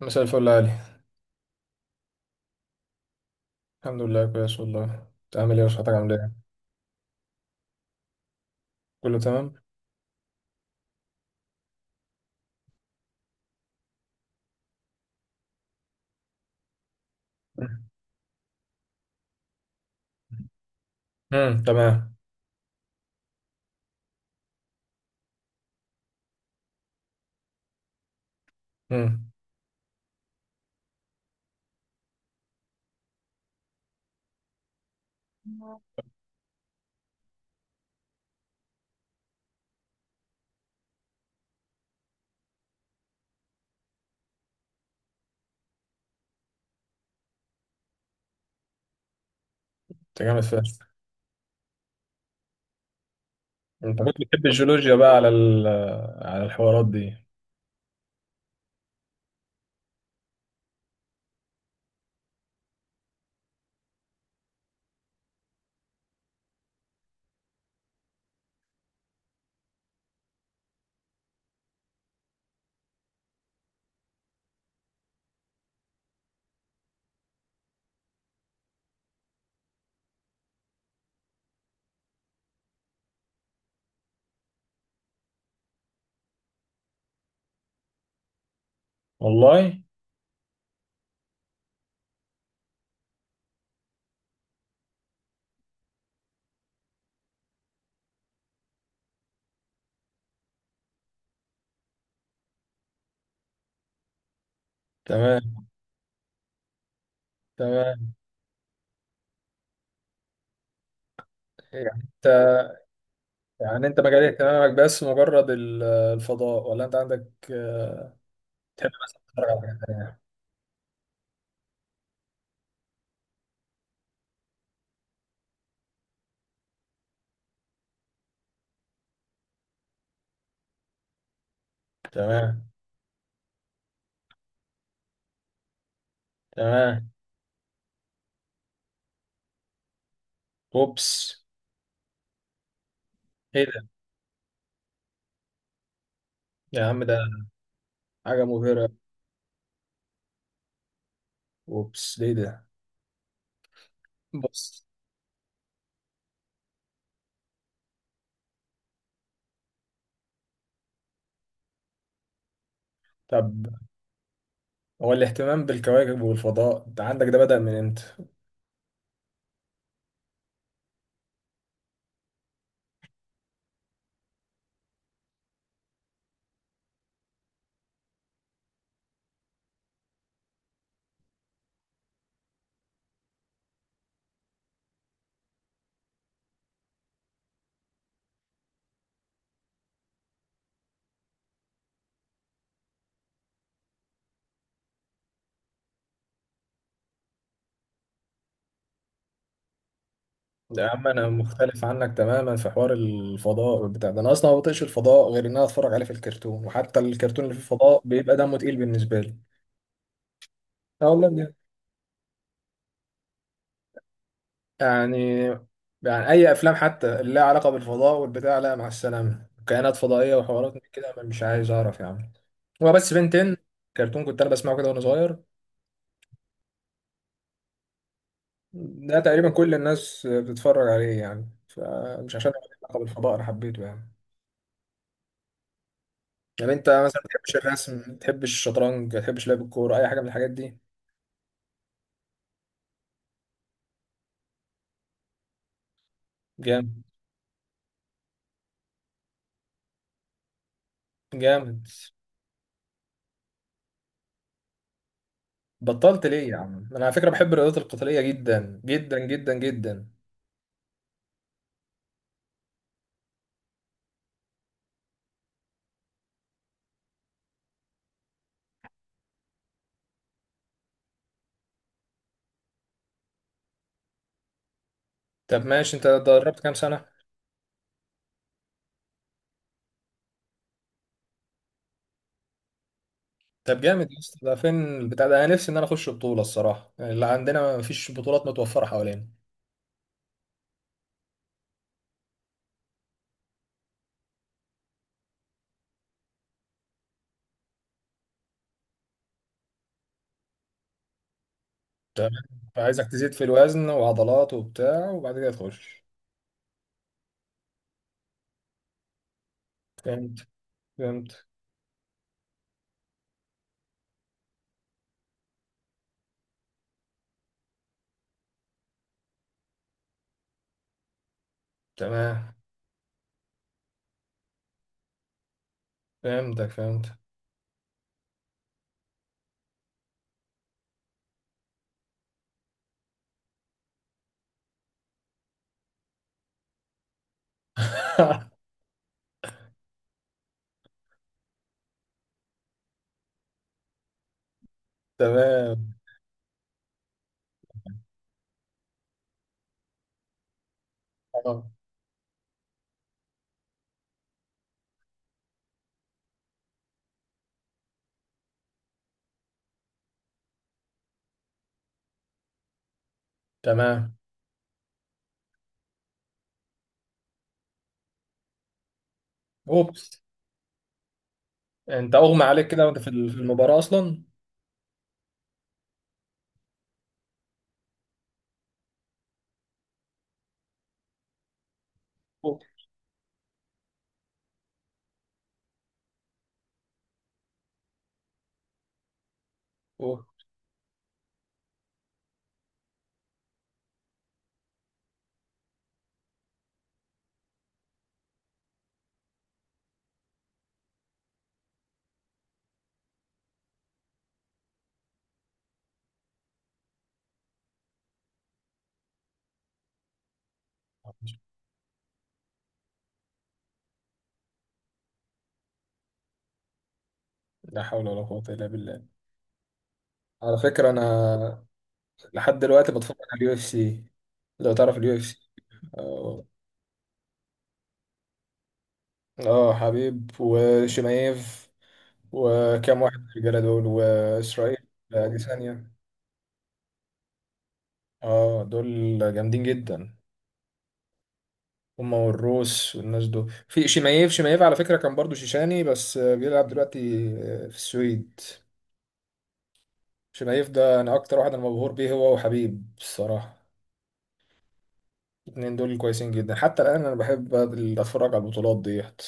مساء الفل يا علي. الحمد لله كويس والله، تعمل ايه وصحتك عامله ايه؟ كله تمام. امم، تمام. امم. انت جامد فشخ. انت كنت بتحب الجيولوجيا بقى على الحوارات دي. والله. تمام، تمام. إيه، يعني انت يعني انت مجال اهتمامك بس مجرد الفضاء، ولا انت عندك تحب بس تتفرج على حاجات تانية؟ تمام. تمام. اوبس. ايه ده يا عم، ده حاجه مبهره. اوبس، ليه ده. بص. طب هو الاهتمام بالكواكب والفضاء انت عندك ده بدأ من امتى؟ يا عم انا مختلف عنك تماما في حوار الفضاء بتاع ده، انا اصلا ما بطيقش الفضاء غير ان انا اتفرج عليه في الكرتون، وحتى الكرتون اللي فيه فضاء بيبقى دمه تقيل بالنسبه لي. اه والله بجد. يعني، اي افلام حتى اللي لها علاقه بالفضاء والبتاع، لا مع السلامه، كائنات فضائيه وحوارات من كده أنا مش عايز اعرف يا عم. هو بس بنتين كرتون كنت انا بسمعه كده وانا صغير، ده تقريبا كل الناس بتتفرج عليه يعني، فمش عشان له علاقه بالفضاء انا حبيته يعني. يعني انت مثلا ما بتحبش الرسم، ما بتحبش الشطرنج، ما بتحبش لعب الكوره، اي حاجه من الحاجات دي؟ جامد. جامد. بطلت ليه يا عم؟ انا على فكره بحب الرياضات القتاليه جدا جدا جدا جدا. طب ماشي، انت دربت كام سنه؟ طب جامد يا اسطى. ده فين البتاع ده؟ انا نفسي ان انا اخش بطوله الصراحه، يعني اللي عندنا ما فيش بطولات متوفره حوالينا. تمام. فعايزك تزيد في الوزن وعضلات وبتاع وبعد كده تخش. فهمت، فهمت. تمام. فهمتك، فهمت. تمام. اه. تمام. اوبس. انت اغمى عليك كده وانت في المباراه اصلا؟ أوه. اوه. لا حول ولا قوه الا بالله. على فكره انا لحد دلوقتي بتفرج على اليو اف سي. لو تعرف اليو اف سي. اه. حبيب وشمايف وكام واحد من الرجاله دول واسرائيل. ثانيه. اه دول جامدين جدا. هما والروس والناس دول. في شمايف، شمايف على فكره كان برضو شيشاني بس بيلعب دلوقتي في السويد. شمايف ده انا اكتر واحد انا مبهور بيه، هو وحبيب الصراحه. الاتنين دول كويسين جدا، حتى الآن أنا بحب أتفرج على البطولات ديت.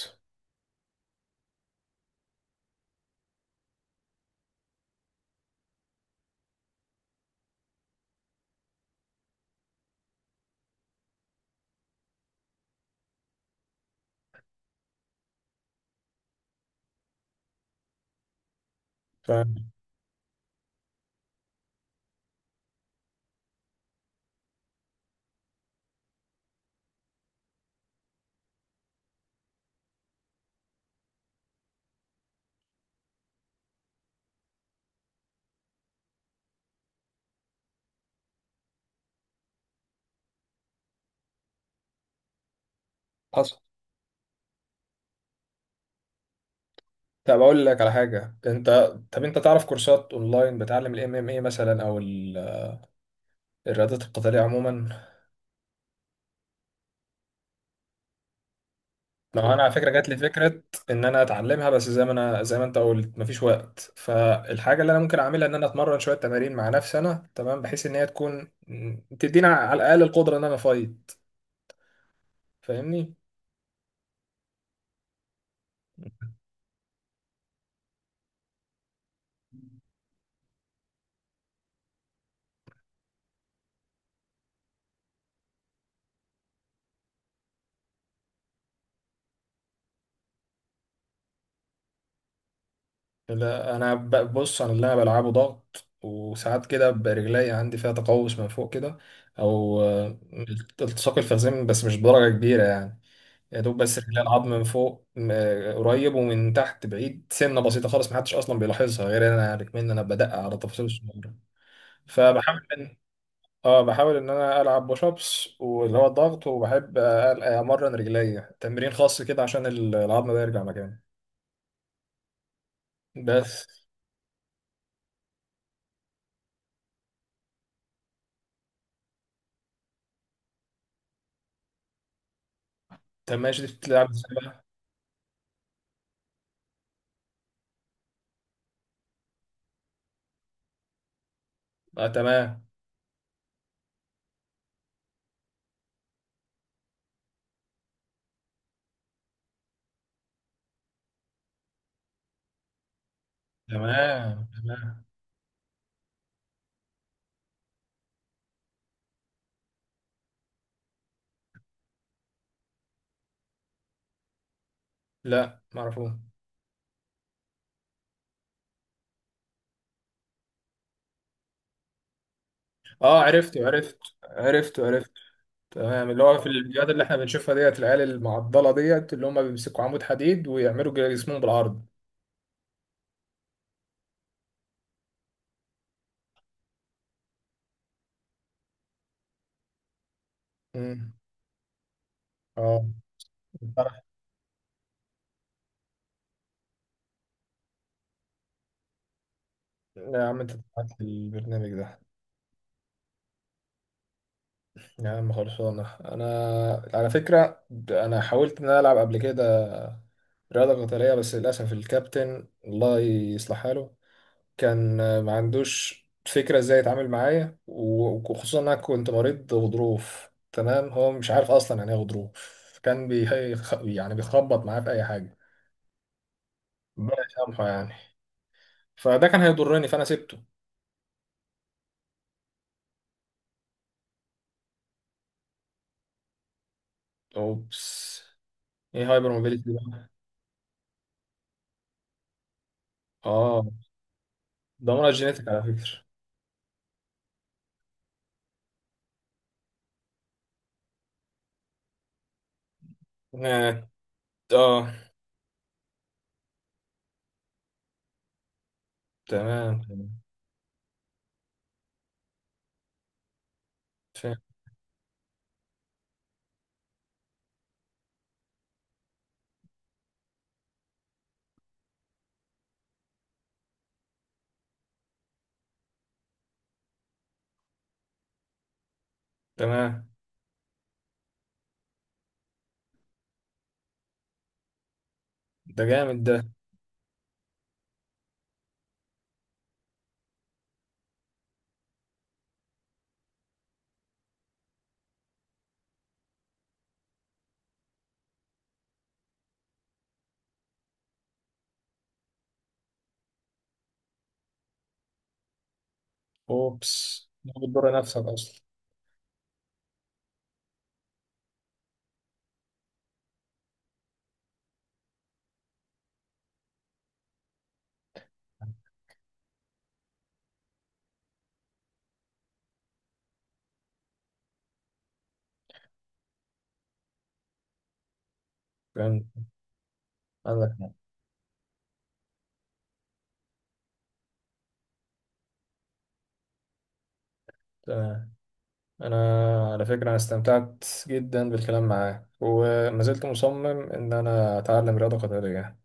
فاهم. حصل. طب أقول لك على حاجة أنت. طب أنت تعرف كورسات أونلاين بتعلم ال MMA مثلا، أو الرياضات القتالية عموما؟ ما هو أنا على فكرة جات لي فكرة إن أنا أتعلمها، بس زي ما أنت قلت مفيش وقت، فالحاجة اللي أنا ممكن أعملها إن أنا أتمرن شوية تمارين مع نفسي أنا تمام، بحيث إن هي تكون تدينا على الأقل القدرة إن أنا أفايت. فاهمني؟ لا انا بص، انا اللي انا بلعبه ضغط، وساعات كده برجلي عندي فيها تقوس من فوق كده، او التصاق الفخذين، بس مش بدرجه كبيره يعني. يا دوب، بس رجلي العظم من فوق قريب، ومن تحت بعيد سنه بسيطه خالص، محدش اصلا بيلاحظها غير انا يعني، كمان انا بدقق على التفاصيل الصغيره. فبحاول ان، اه، بحاول ان انا العب بوش ابس واللي هو الضغط، وبحب امرن رجلي تمرين خاص كده عشان العظم ده يرجع مكانه. بس. طب ماشي، دي بتلعب ازاي بقى؟ تمام. تمام، تمام. لا معرفوش. اه، عرفته، عرفت. عرفته، عرفت. تمام، اللي هو في الفيديوهات اللي احنا بنشوفها ديت، العيال المعضله ديت اللي هم بيمسكوا عمود حديد ويعملوا جسمهم بالعرض. امم. اه. لا يا عم، انت بتاعت البرنامج ده. يا عم خلصانه انا. على فكره، انا حاولت ان انا العب قبل كده رياضه قتاليه، بس للاسف الكابتن الله يصلح حاله كان ما عندوش فكرة ازاي يتعامل معايا، وخصوصا انا كنت مريض غضروف، تمام؟ هو مش عارف اصلا يعني ايه غضروف، كان يعني بيخبط معايا في اي حاجة. ربنا يسامحه يعني. فده كان هيضرني فانا سبته. اوبس. ايه هايبر موبيليتي ده؟ اه. ده مرض جينيتك على فكرة. اه. آه. تمام، تمام. فاهم. تمام. ده جامد ده. اوبس، ده بتضر نفسك اصلا. فاهم. عندك حق. تمام. انا على فكره انا استمتعت جدا بالكلام معاك، وما زلت مصمم ان انا اتعلم رياضه قتاليه، ان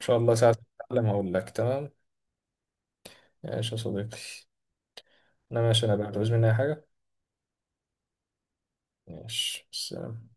شاء الله ساعه ما اتعلم هقول لك. تمام، ماشي يا صديقي. انا ماشي، انا بقى تعوز مني اي حاجه؟ ماشي، سلام.